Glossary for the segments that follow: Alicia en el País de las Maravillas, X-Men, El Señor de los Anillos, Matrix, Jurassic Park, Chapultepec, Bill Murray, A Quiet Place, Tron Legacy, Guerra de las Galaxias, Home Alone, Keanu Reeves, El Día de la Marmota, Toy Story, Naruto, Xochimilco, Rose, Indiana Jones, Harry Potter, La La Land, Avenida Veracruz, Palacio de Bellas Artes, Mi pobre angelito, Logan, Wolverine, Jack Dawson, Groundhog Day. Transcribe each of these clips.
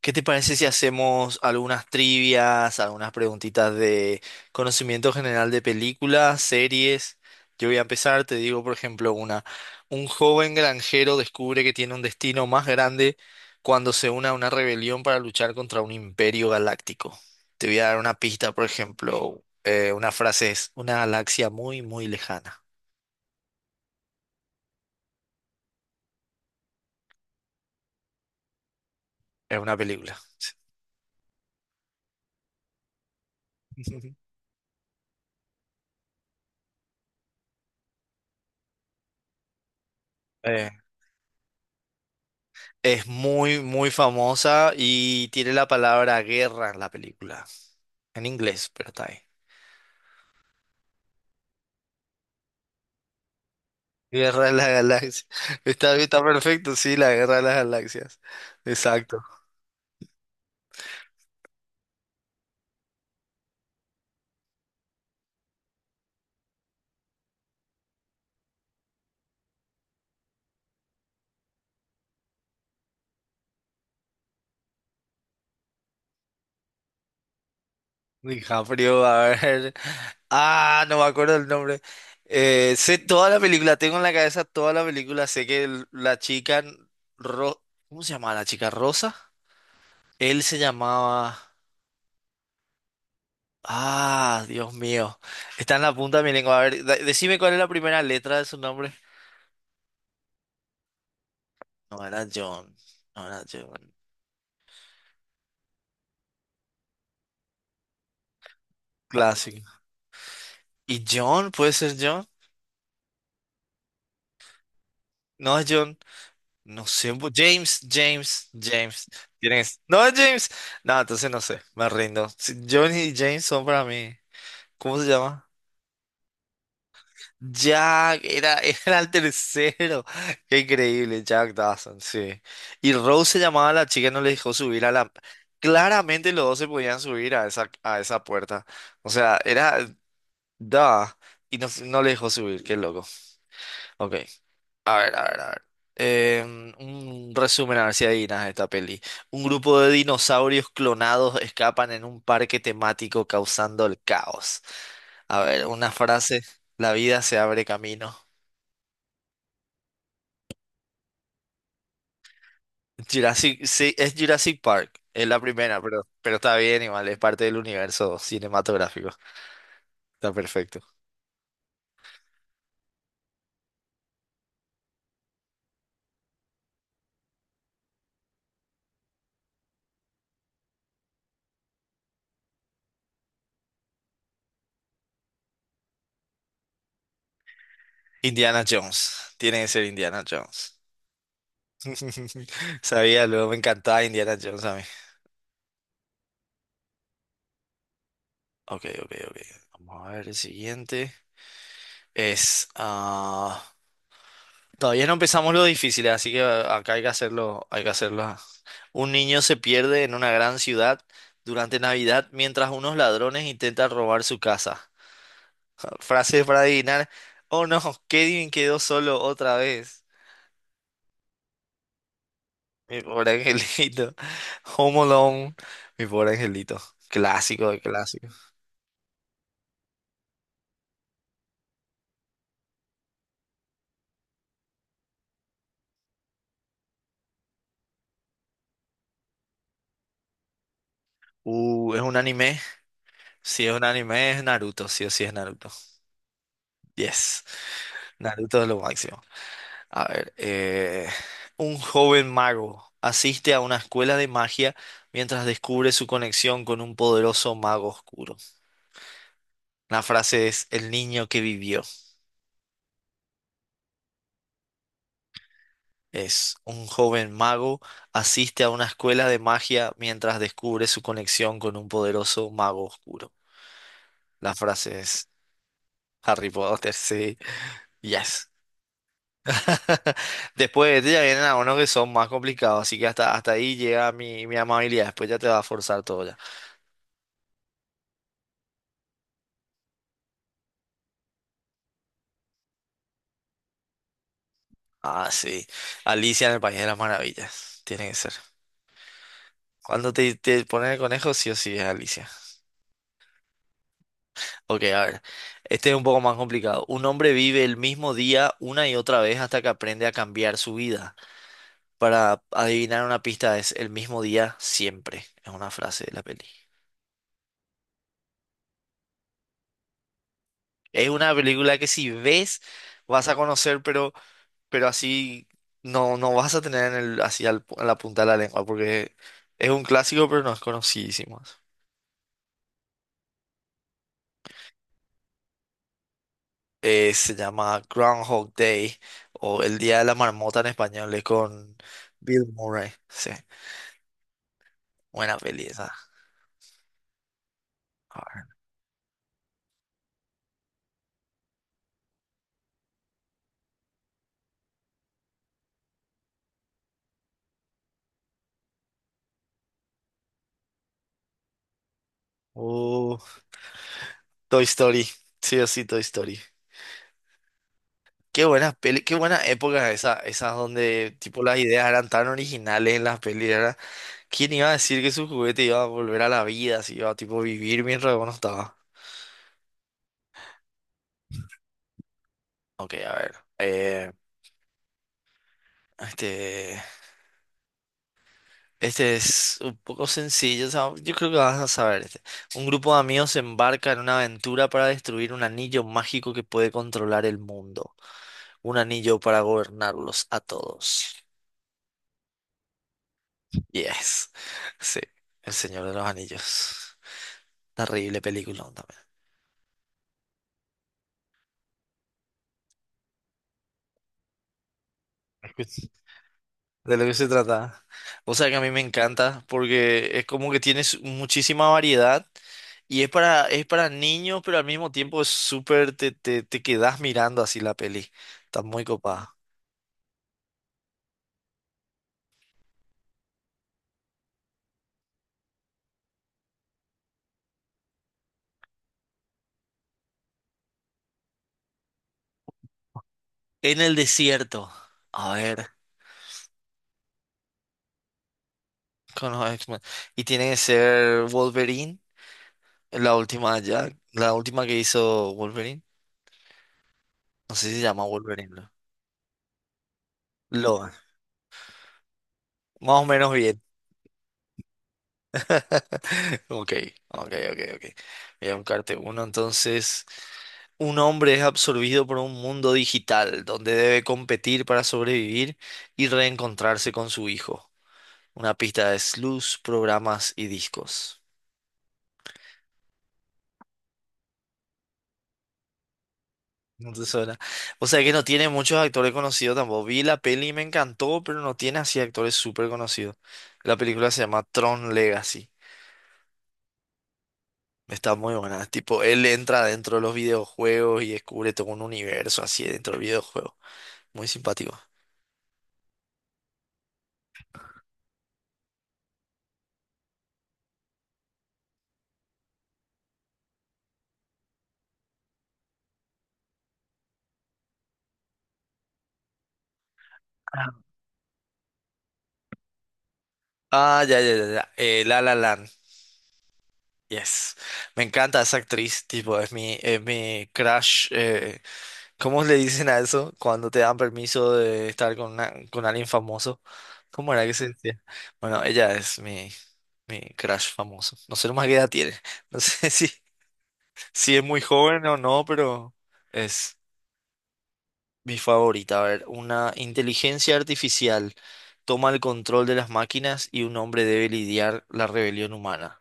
¿Qué te parece si hacemos algunas trivias, algunas preguntitas de conocimiento general de películas, series? Yo voy a empezar, te digo, por ejemplo, una. Un joven granjero descubre que tiene un destino más grande cuando se une a una rebelión para luchar contra un imperio galáctico. Te voy a dar una pista, por ejemplo, una frase es, una galaxia muy, muy lejana. Es una película. Eh, es muy, muy famosa y tiene la palabra guerra en la película. En inglés, pero está ahí. Guerra de las Galaxias. Está perfecto, sí, la Guerra de las Galaxias. Exacto. DiCaprio, a ver. Ah, no me acuerdo el nombre. Sé toda la película, tengo en la cabeza toda la película. Sé que la chica. Ro- ¿Cómo se llamaba la chica? ¿Rosa? Él se llamaba. Ah, Dios mío. Está en la punta de mi lengua. A ver, decime cuál es la primera letra de su nombre. No era John. No era John. Clásico. ¿Y John? ¿Puede ser John? No es John, no sé, James, James, James. ¿Tienes? No es No, James. No, entonces no sé, me rindo. John y James son para mí. ¿Cómo se llama? Jack, era, era el tercero. Qué increíble, Jack Dawson, sí. Y Rose se llamaba la chica, no le dejó subir a la Claramente los dos se podían subir a esa puerta. O sea, era Da. Y no, no le dejó subir, qué loco. Ok. A ver, a ver, a ver. Un resumen, a ver si adivinas esta peli. Un grupo de dinosaurios clonados escapan en un parque temático causando el caos. A ver, una frase. La vida se abre camino. Jurassic, sí, es Jurassic Park. Es la primera, pero está bien, igual. Es parte del universo cinematográfico. Está perfecto. Indiana Jones. Tiene que ser Indiana Jones. Sabía, luego me encantaba Indiana Jones a mí. Ok, ok, ok. Vamos a ver el siguiente. Es. ah, Todavía no empezamos lo difícil, así que acá hay que hacerlo. Hay que hacerlo. Un niño se pierde en una gran ciudad durante Navidad mientras unos ladrones intentan robar su casa. Frase para adivinar. Oh no, Kevin quedó solo otra vez. Mi pobre angelito. Home Alone. Mi pobre angelito. Clásico de clásico. Es un anime. Si es un anime, es Naruto, sí o sí es Naruto. Yes, Naruto es lo máximo. A ver, un joven mago asiste a una escuela de magia mientras descubre su conexión con un poderoso mago oscuro. La frase es el niño que vivió. Es un joven mago asiste a una escuela de magia mientras descubre su conexión con un poderoso mago oscuro. La frase es Harry Potter, sí. Yes. Después de este ya vienen algunos que son más complicados, así que hasta, hasta ahí llega mi amabilidad. Después ya te va a forzar todo ya. Ah, sí. Alicia en el País de las Maravillas. Tiene que ser. Cuando te ponen el conejo, sí o sí es Alicia. Ok, a ver. Este es un poco más complicado. Un hombre vive el mismo día una y otra vez hasta que aprende a cambiar su vida. Para adivinar una pista es el mismo día siempre. Es una frase de la peli. Es una película que si ves vas a conocer, pero así no, no vas a tener en el, así al en la punta de la lengua, porque es un clásico, pero no es conocidísimo. Se llama Groundhog Day, o El Día de la Marmota en español, es con Bill Murray. Sí, buena peli esa. A ver. Uh, Toy Story, sí o sí, Toy Story. Qué buena peli, qué buena época esa, esas donde tipo las ideas eran tan originales en las pelis, ¿verdad? ¿Quién iba a decir que su juguete iba a volver a la vida, si iba a tipo vivir mientras uno estaba? Ok, a ver. Este, este es un poco sencillo. O sea, yo creo que vas a saber este. Un grupo de amigos se embarca en una aventura para destruir un anillo mágico que puede controlar el mundo. Un anillo para gobernarlos a todos. Yes. Sí, El Señor de los Anillos. Terrible película también. De lo que se trata. O sea que a mí me encanta porque es como que tienes muchísima variedad y es para niños, pero al mismo tiempo es súper, te quedas mirando así la peli. Está muy copada. En el desierto. A ver, con los X-Men. Y tiene que ser Wolverine, la última ya, la última que hizo Wolverine. No sé si se llama Wolverine, ¿no? Logan. Más o menos bien. Ok, ok, ok, ok. Voy a buscarte uno entonces. Un hombre es absorbido por un mundo digital donde debe competir para sobrevivir y reencontrarse con su hijo. Una pista de luz, programas y discos. No te suena. O sea que no tiene muchos actores conocidos tampoco. Vi la peli y me encantó, pero no tiene así actores súper conocidos. La película se llama Tron Legacy. Está muy buena. Tipo, él entra dentro de los videojuegos y descubre todo un universo así dentro del videojuego. Muy simpático. Ah, Ah, ya. La La Land. Yes. Me encanta esa actriz, tipo, es es mi crush. ¿Cómo le dicen a eso cuando te dan permiso de estar con, con alguien famoso? ¿Cómo era que se decía? Bueno, ella es mi crush famoso. No sé nomás qué edad tiene. No sé si es muy joven o no, pero es mi favorita. A ver, una inteligencia artificial toma el control de las máquinas y un hombre debe lidiar la rebelión humana.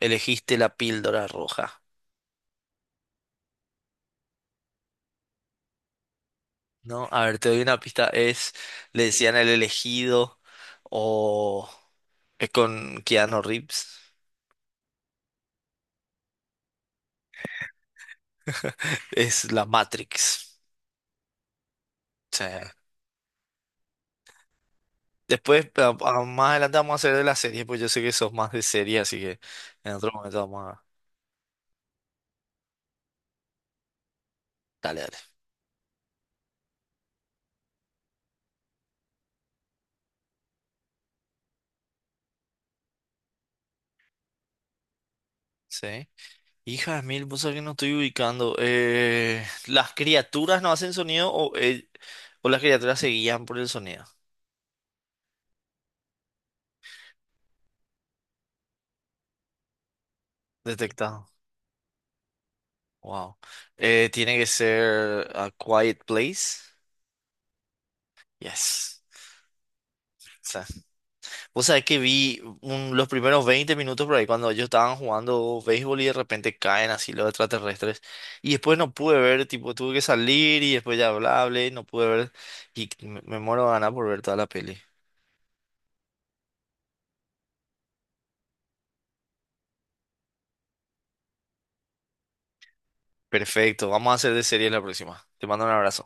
Elegiste la píldora roja. No, a ver, te doy una pista. Es, le decían el elegido o es con Keanu Reeves. Es la Matrix. O sea, después, más adelante vamos a hacer de la serie, pues yo sé que sos más de serie, así que en otro momento vamos a... Dale, dale. Sí. Hija de mil, vos sabés que no estoy ubicando. ¿Las criaturas no hacen sonido o las criaturas se guían por el sonido? Detectado. Wow. Tiene que ser A Quiet Place. Yes. O sea, vos sabés que vi los primeros 20 minutos por ahí cuando ellos estaban jugando béisbol y de repente caen así los extraterrestres. Y después no pude ver, tipo, tuve que salir y después ya hablé y no pude ver. Y me muero de ganas por ver toda la peli. Perfecto, vamos a hacer de serie la próxima. Te mando un abrazo.